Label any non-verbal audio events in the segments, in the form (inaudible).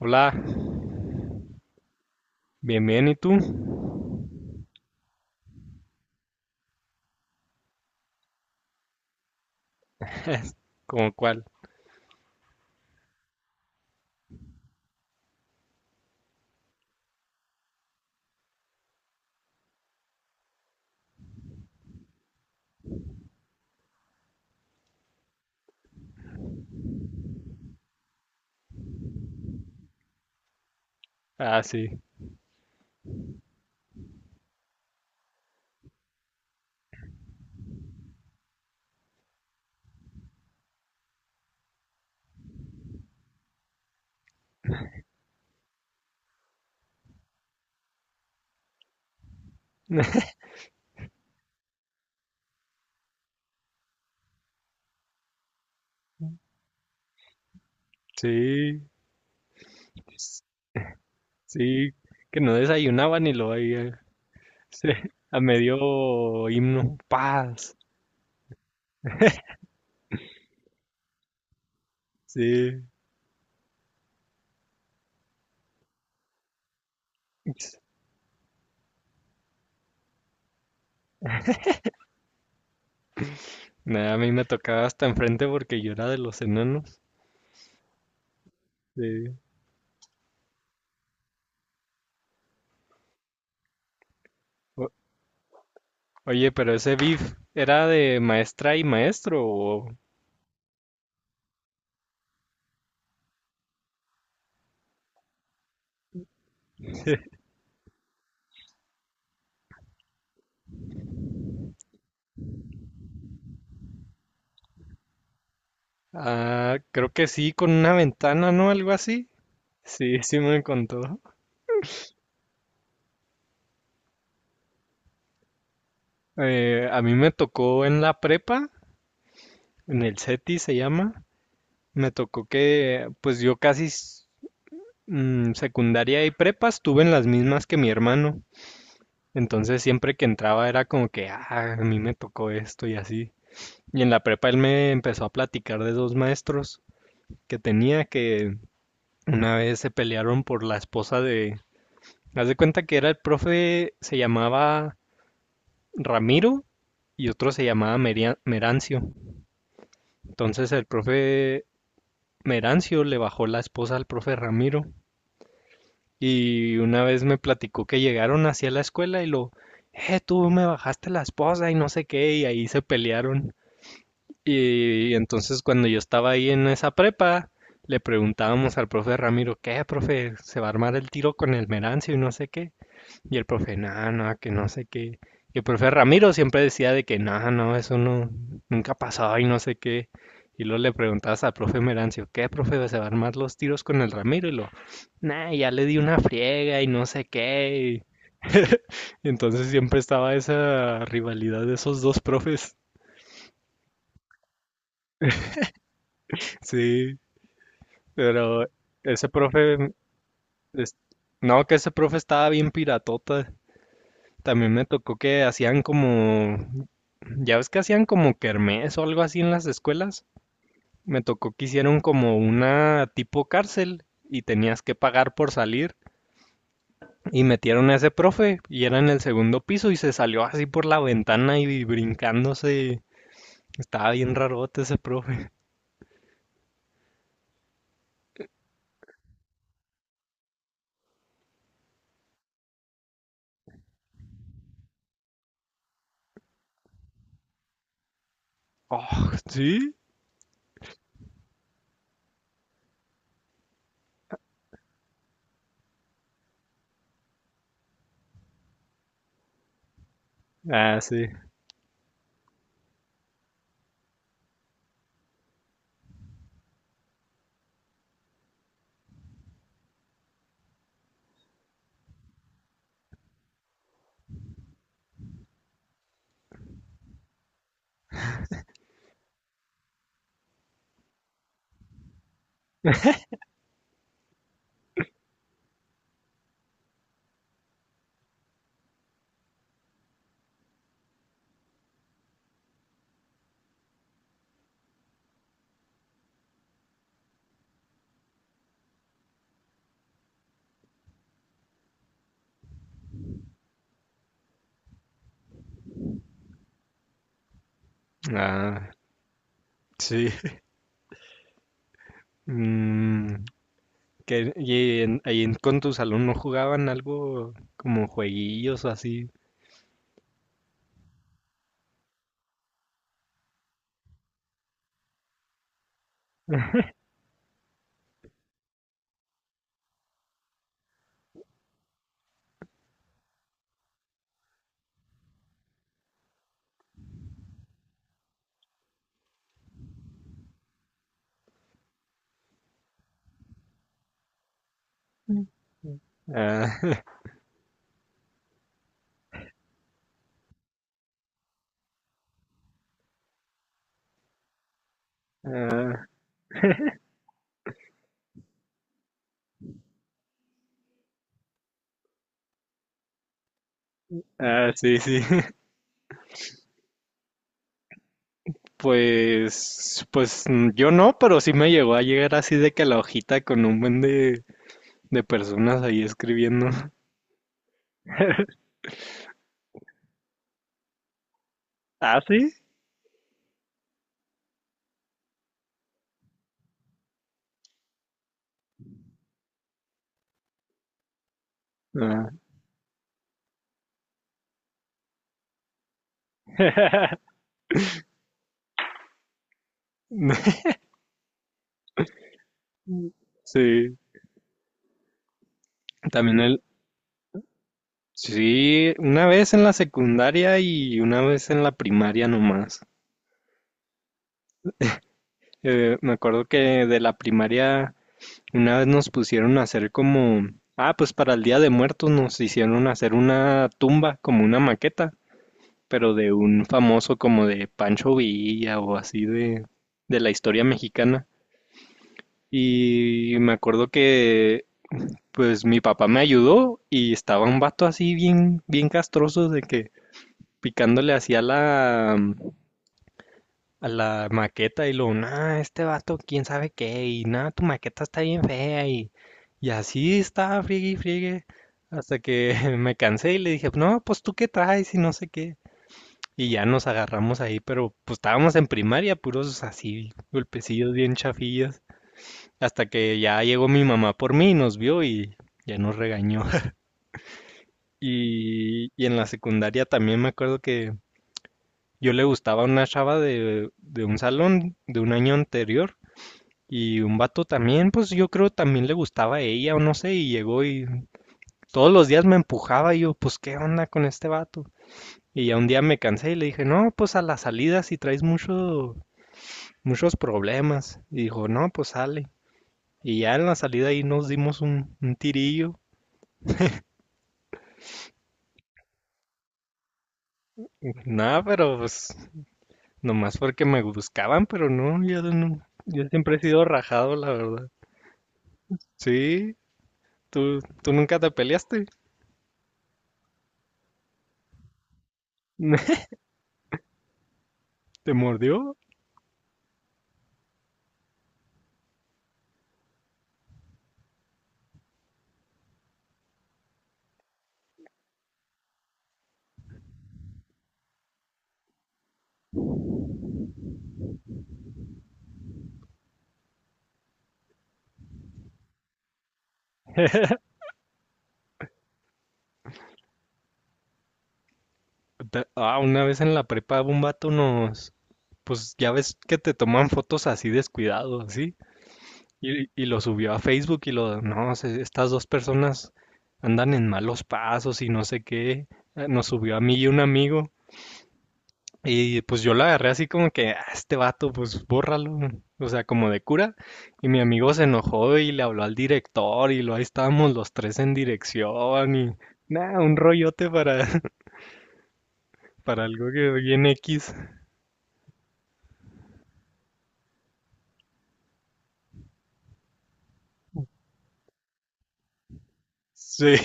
Hola, bien, bien, ¿y tú? ¿Cómo cuál? Ah, sí, (laughs) sí. Pues sí, que no desayunaba ni lo había. (laughs) Sí, a medio himno, paz. Sí, nada, a mí me tocaba hasta enfrente porque yo era de los enanos. Sí. O- oye, pero ese beef, ¿era de maestra y maestro o...? (laughs) Ah, creo que sí, con una ventana, ¿no? Algo así. Sí, sí me contó. A mí me tocó en la prepa. En el CETI se llama. Me tocó que, pues yo casi secundaria y prepa estuve en las mismas que mi hermano. Entonces siempre que entraba era como que, ah, a mí me tocó esto y así. Y en la prepa él me empezó a platicar de dos maestros que tenía que una vez se pelearon por la esposa de... Haz de cuenta que era el profe, se llamaba Ramiro, y otro se llamaba Merancio. Entonces el profe Merancio le bajó la esposa al profe Ramiro. Y una vez me platicó que llegaron hacia la escuela y lo, tú me bajaste la esposa y no sé qué, y ahí se pelearon. Y entonces cuando yo estaba ahí en esa prepa, le preguntábamos al profe Ramiro, ¿qué, profe? ¿Se va a armar el tiro con el Merancio y no sé qué? Y el profe, nada, nada, que no sé qué. Y el profe Ramiro siempre decía de que nada, no, eso no, nunca ha pasado y no sé qué. Y luego le preguntabas al profe Merancio, ¿qué, profe? ¿Se va a armar los tiros con el Ramiro? Y lo, nah, ya le di una friega y no sé qué. (laughs) Entonces siempre estaba esa rivalidad de esos dos profes. Sí, pero ese profe, es- no, que ese profe estaba bien piratota. También me tocó que hacían como, ya ves que hacían como kermés o algo así en las escuelas. Me tocó que hicieron como una tipo cárcel y tenías que pagar por salir. Y metieron a ese profe y era en el segundo piso, y se salió así por la ventana y brincándose. Estaba bien rarote ese profe. (laughs) Oh, sí. Ah, sí. Ah, sí. (laughs) Mm, que, con tus alumnos jugaban algo como jueguillos o así. Ah, (laughs) ah, sí, sí. (laughs) Pues, yo no, pero sí me llegó a llegar así de que la hojita con un buen de personas ahí escribiendo. (laughs) Ah, sí. Ah. (laughs) Sí, también el... Sí, una vez en la secundaria y una vez en la primaria nomás. Me acuerdo que de la primaria una vez nos pusieron a hacer como... Ah, pues para el Día de Muertos nos hicieron hacer una tumba, como una maqueta. Pero de un famoso como de Pancho Villa o así de la historia mexicana. Y me acuerdo que pues mi papá me ayudó, y estaba un vato así bien castroso de que picándole hacía la, a la maqueta, y luego, nah, este vato, quién sabe qué, y nada, tu maqueta está bien fea, y así estaba, friegue y friegue, hasta que (laughs) me cansé y le dije, no, pues tú qué traes y no sé qué. Y ya nos agarramos ahí, pero pues estábamos en primaria, puros así, golpecillos bien chafillas, hasta que ya llegó mi mamá por mí, nos vio y ya nos regañó. (laughs) Y en la secundaria también me acuerdo que yo le gustaba una chava de un salón de un año anterior, y un vato también, pues yo creo también le gustaba a ella o no sé, y llegó y todos los días me empujaba y yo, pues ¿qué onda con este vato? Y ya un día me cansé y le dije, no, pues a la salida si traes muchos problemas. Y dijo, no, pues sale. Y ya en la salida ahí nos dimos un tirillo. Nada, pero pues nomás porque me buscaban, pero no, yo no. Yo siempre he sido rajado, la verdad. Sí, tú nunca te peleaste. (laughs) ¿Te mordió? Ah, una vez en la prepa un vato nos... Pues ya ves que te toman fotos así descuidado, así. Y lo subió a Facebook y lo, no, estas dos personas andan en malos pasos y no sé qué. Nos subió a mí y un amigo. Y pues yo lo agarré así como que, "Ah, este vato, pues bórralo". O sea, como de cura. Y mi amigo se enojó y le habló al director y lo, ahí estábamos los tres en dirección y nada, un rollote para, (laughs) para algo que bien X. (laughs) Sí.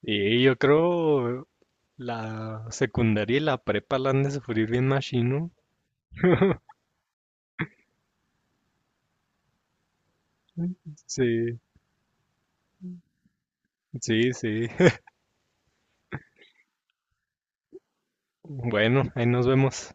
Y yo creo la secundaria y la prepa la han de sufrir bien machino. Sí, sí, sí. (laughs) Bueno, ahí nos vemos.